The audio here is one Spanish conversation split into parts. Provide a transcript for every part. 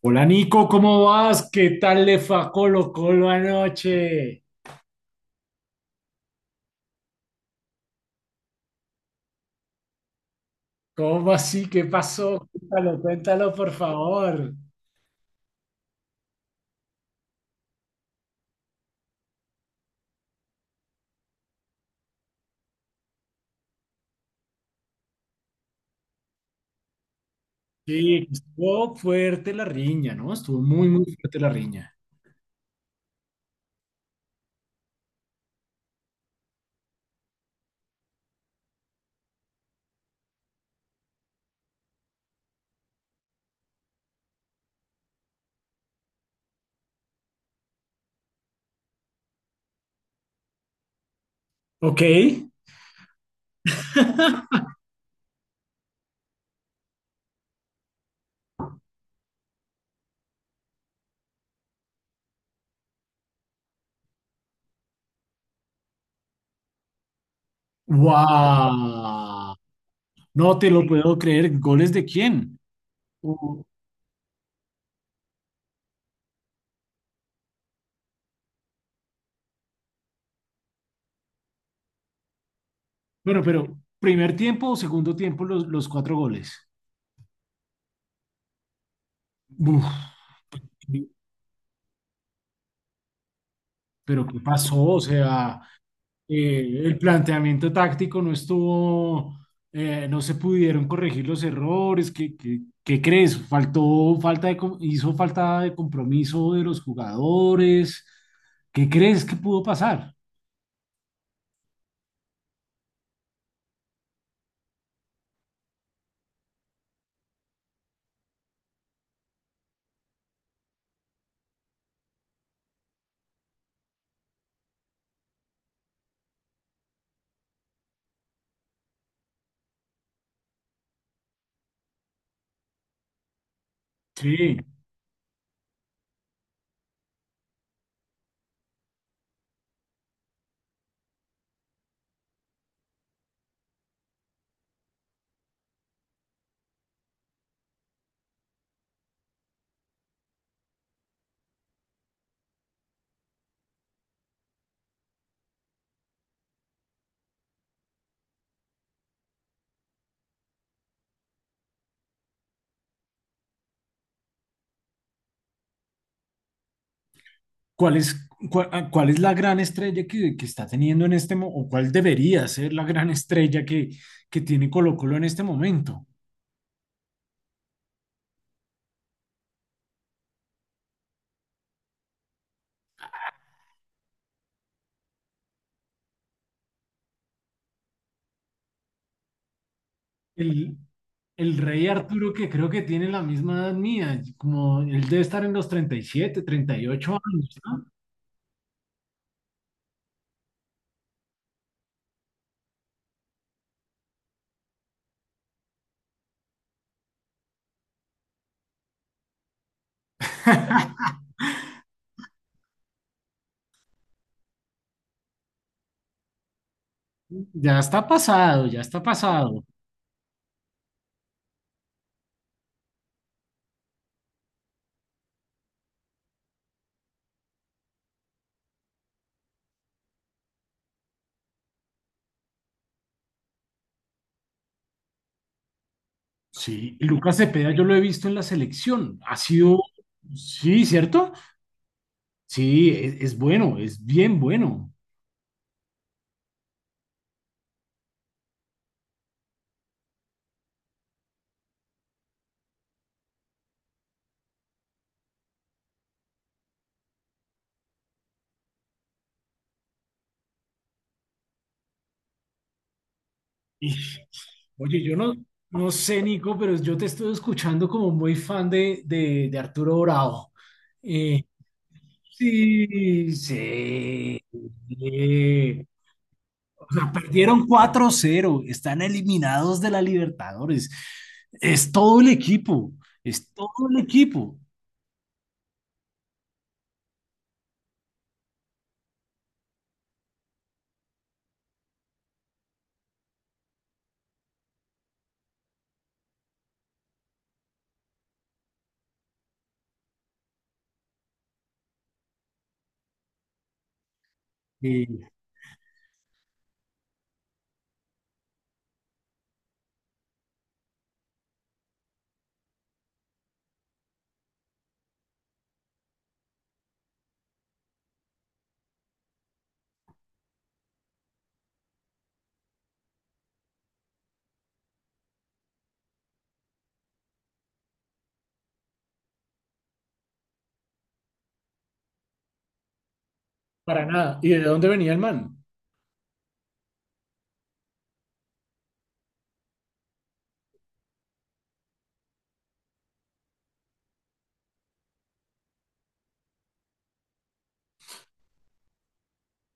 Hola Nico, ¿cómo vas? ¿Qué tal le fue a Colo Colo anoche? ¿Cómo así? ¿Qué pasó? Cuéntalo, cuéntalo, por favor. Sí, estuvo fuerte la riña, ¿no? Estuvo muy fuerte la riña. Ok. ¡Wow! No te lo puedo creer. ¿Goles de quién? Uh, bueno, pero ¿primer tiempo o segundo tiempo los cuatro goles? Uf, pero ¿qué pasó? O sea, el planteamiento táctico no estuvo, no se pudieron corregir los errores. ¿Qué crees? ¿Faltó falta de hizo falta de compromiso de los jugadores? ¿Qué crees que pudo pasar? Sí. ¿Cuál es la gran estrella que está teniendo en este momento, o cuál debería ser la gran estrella que tiene Colo-Colo en este momento? El, el rey Arturo, que creo que tiene la misma edad mía, como él debe estar en los treinta, 37, 38 años, ¿no? Ya está pasado, ya está pasado. Sí, Lucas Cepeda yo lo he visto en la selección. Ha sido, sí, ¿cierto? Sí, es bueno, es bien bueno. Y oye, yo no, no sé, Nico, pero yo te estoy escuchando como muy fan de Arturo Bravo. Eh, sí, sí. O sea, perdieron cuatro cero, están eliminados de la Libertadores. Es todo el equipo, es todo el equipo. Y para nada. ¿Y de dónde venía el man?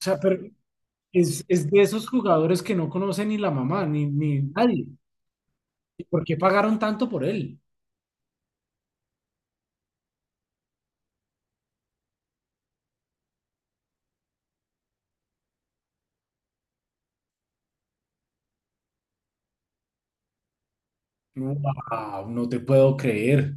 O sea, pero es de esos jugadores que no conoce ni la mamá, ni nadie. ¿Y por qué pagaron tanto por él? No, wow, no te puedo creer.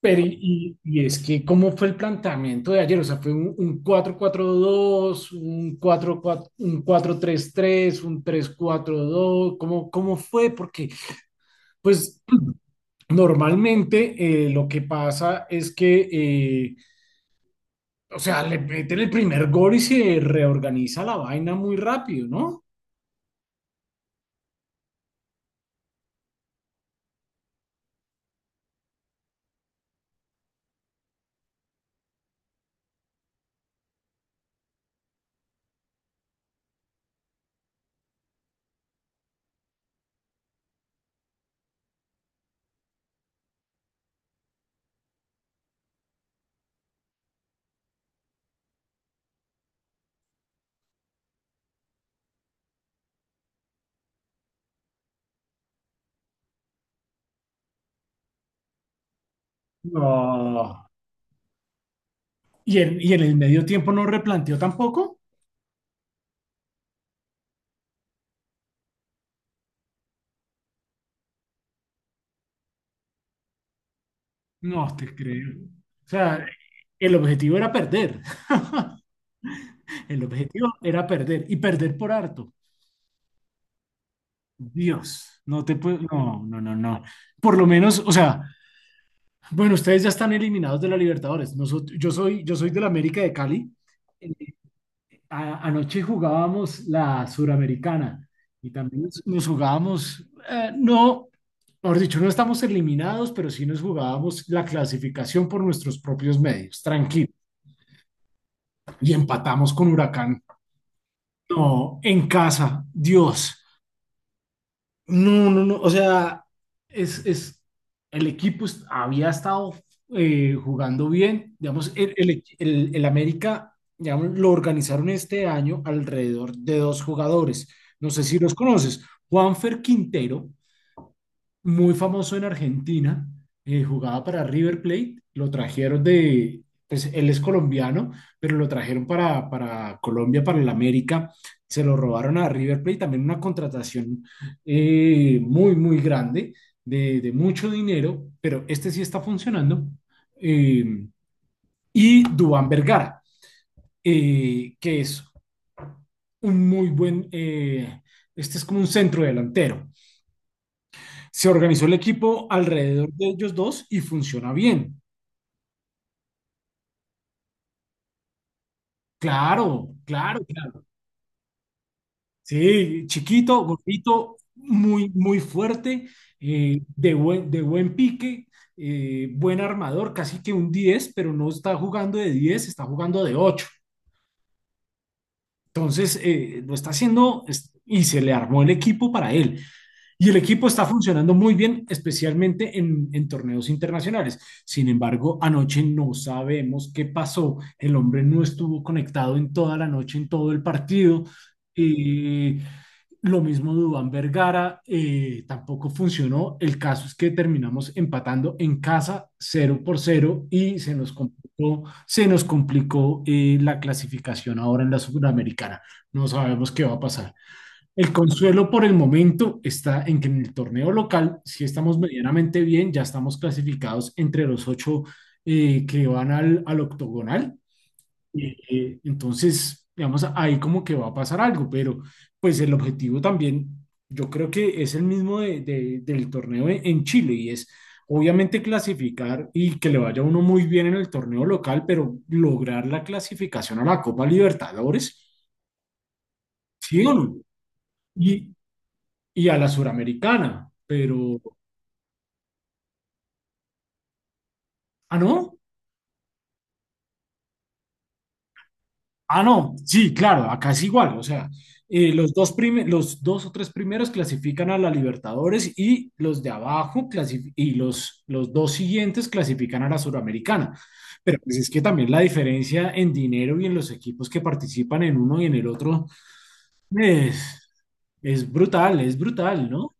Y es que, ¿cómo fue el planteamiento de ayer? O sea, ¿fue un cuatro 4 2, un cuatro cuatro, un cuatro tres tres, un tres cuatro dos? ¿Cómo cómo fue? Porque, pues, normalmente lo que pasa es que, o sea, le meten el primer gol y se reorganiza la vaina muy rápido, ¿no? No. Y en el medio tiempo no replanteó tampoco? No, te creo. O sea, el objetivo era perder. El objetivo era perder y perder por harto. Dios, no te puedo, no, no, no, no. Por lo menos, o sea, bueno, ustedes ya están eliminados de la Libertadores. Nosotros, yo soy del América de Cali. Eh, anoche jugábamos la Suramericana y también nos jugábamos, no, mejor dicho, no estamos eliminados, pero sí nos jugábamos la clasificación por nuestros propios medios, tranquilo. Y empatamos con Huracán. No, en casa, Dios. No, no, no. O sea, es, había estado jugando bien. Digamos, el América, digamos, lo organizaron este año alrededor de dos jugadores. No sé si los conoces. Juanfer Quintero muy famoso en Argentina, jugaba para River Plate, lo trajeron de, pues él es colombiano, pero lo trajeron para Colombia, para el América, se lo robaron a River Plate, también una contratación muy grande, de mucho dinero, pero este sí está funcionando. Eh, y Duván Vergara, que es un muy buen, este es como un centro delantero. Se organizó el equipo alrededor de ellos dos y funciona bien. Claro, claro, claro. Sí, chiquito, gordito, muy fuerte, de buen pique, buen armador, casi que un 10, pero no está jugando de 10, está jugando de 8. Entonces, lo está haciendo es- y se le armó el equipo para él. Y el equipo está funcionando muy bien, especialmente en torneos internacionales. Sin embargo, anoche no sabemos qué pasó. El hombre no estuvo conectado en toda la noche, en todo el partido. Y lo mismo Dubán Vergara, tampoco funcionó. El caso es que terminamos empatando en casa cero por cero y se nos complicó la clasificación ahora en la Sudamericana. No sabemos qué va a pasar. El consuelo por el momento está en que en el torneo local sí estamos medianamente bien, ya estamos clasificados entre los ocho que van al, al octogonal. Entonces, digamos, ahí como que va a pasar algo, pero pues el objetivo también, yo creo que es el mismo del torneo en Chile y es obviamente clasificar y que le vaya a uno muy bien en el torneo local, pero lograr la clasificación a la Copa Libertadores, ¿sí o no? Y, y a la suramericana, pero... Ah, no. Ah, no. Sí, claro, acá es igual. O sea, los dos o tres primeros clasifican a la Libertadores y los de abajo los dos siguientes clasifican a la Suramericana. Pero pues es que también la diferencia en dinero y en los equipos que participan en uno y en el otro es, es brutal, ¿no?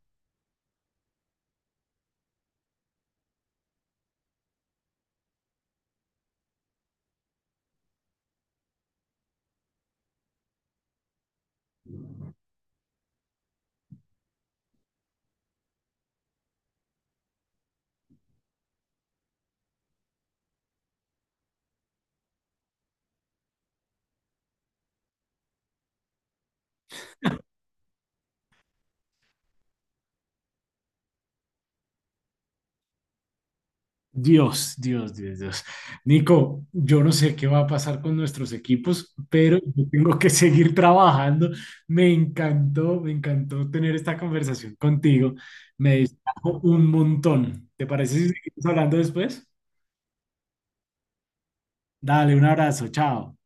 Dios, Dios, Dios, Dios. Nico, yo no sé qué va a pasar con nuestros equipos, pero yo tengo que seguir trabajando. Me encantó tener esta conversación contigo. Me distrajo un montón. ¿Te parece si seguimos hablando después? Dale, un abrazo, chao.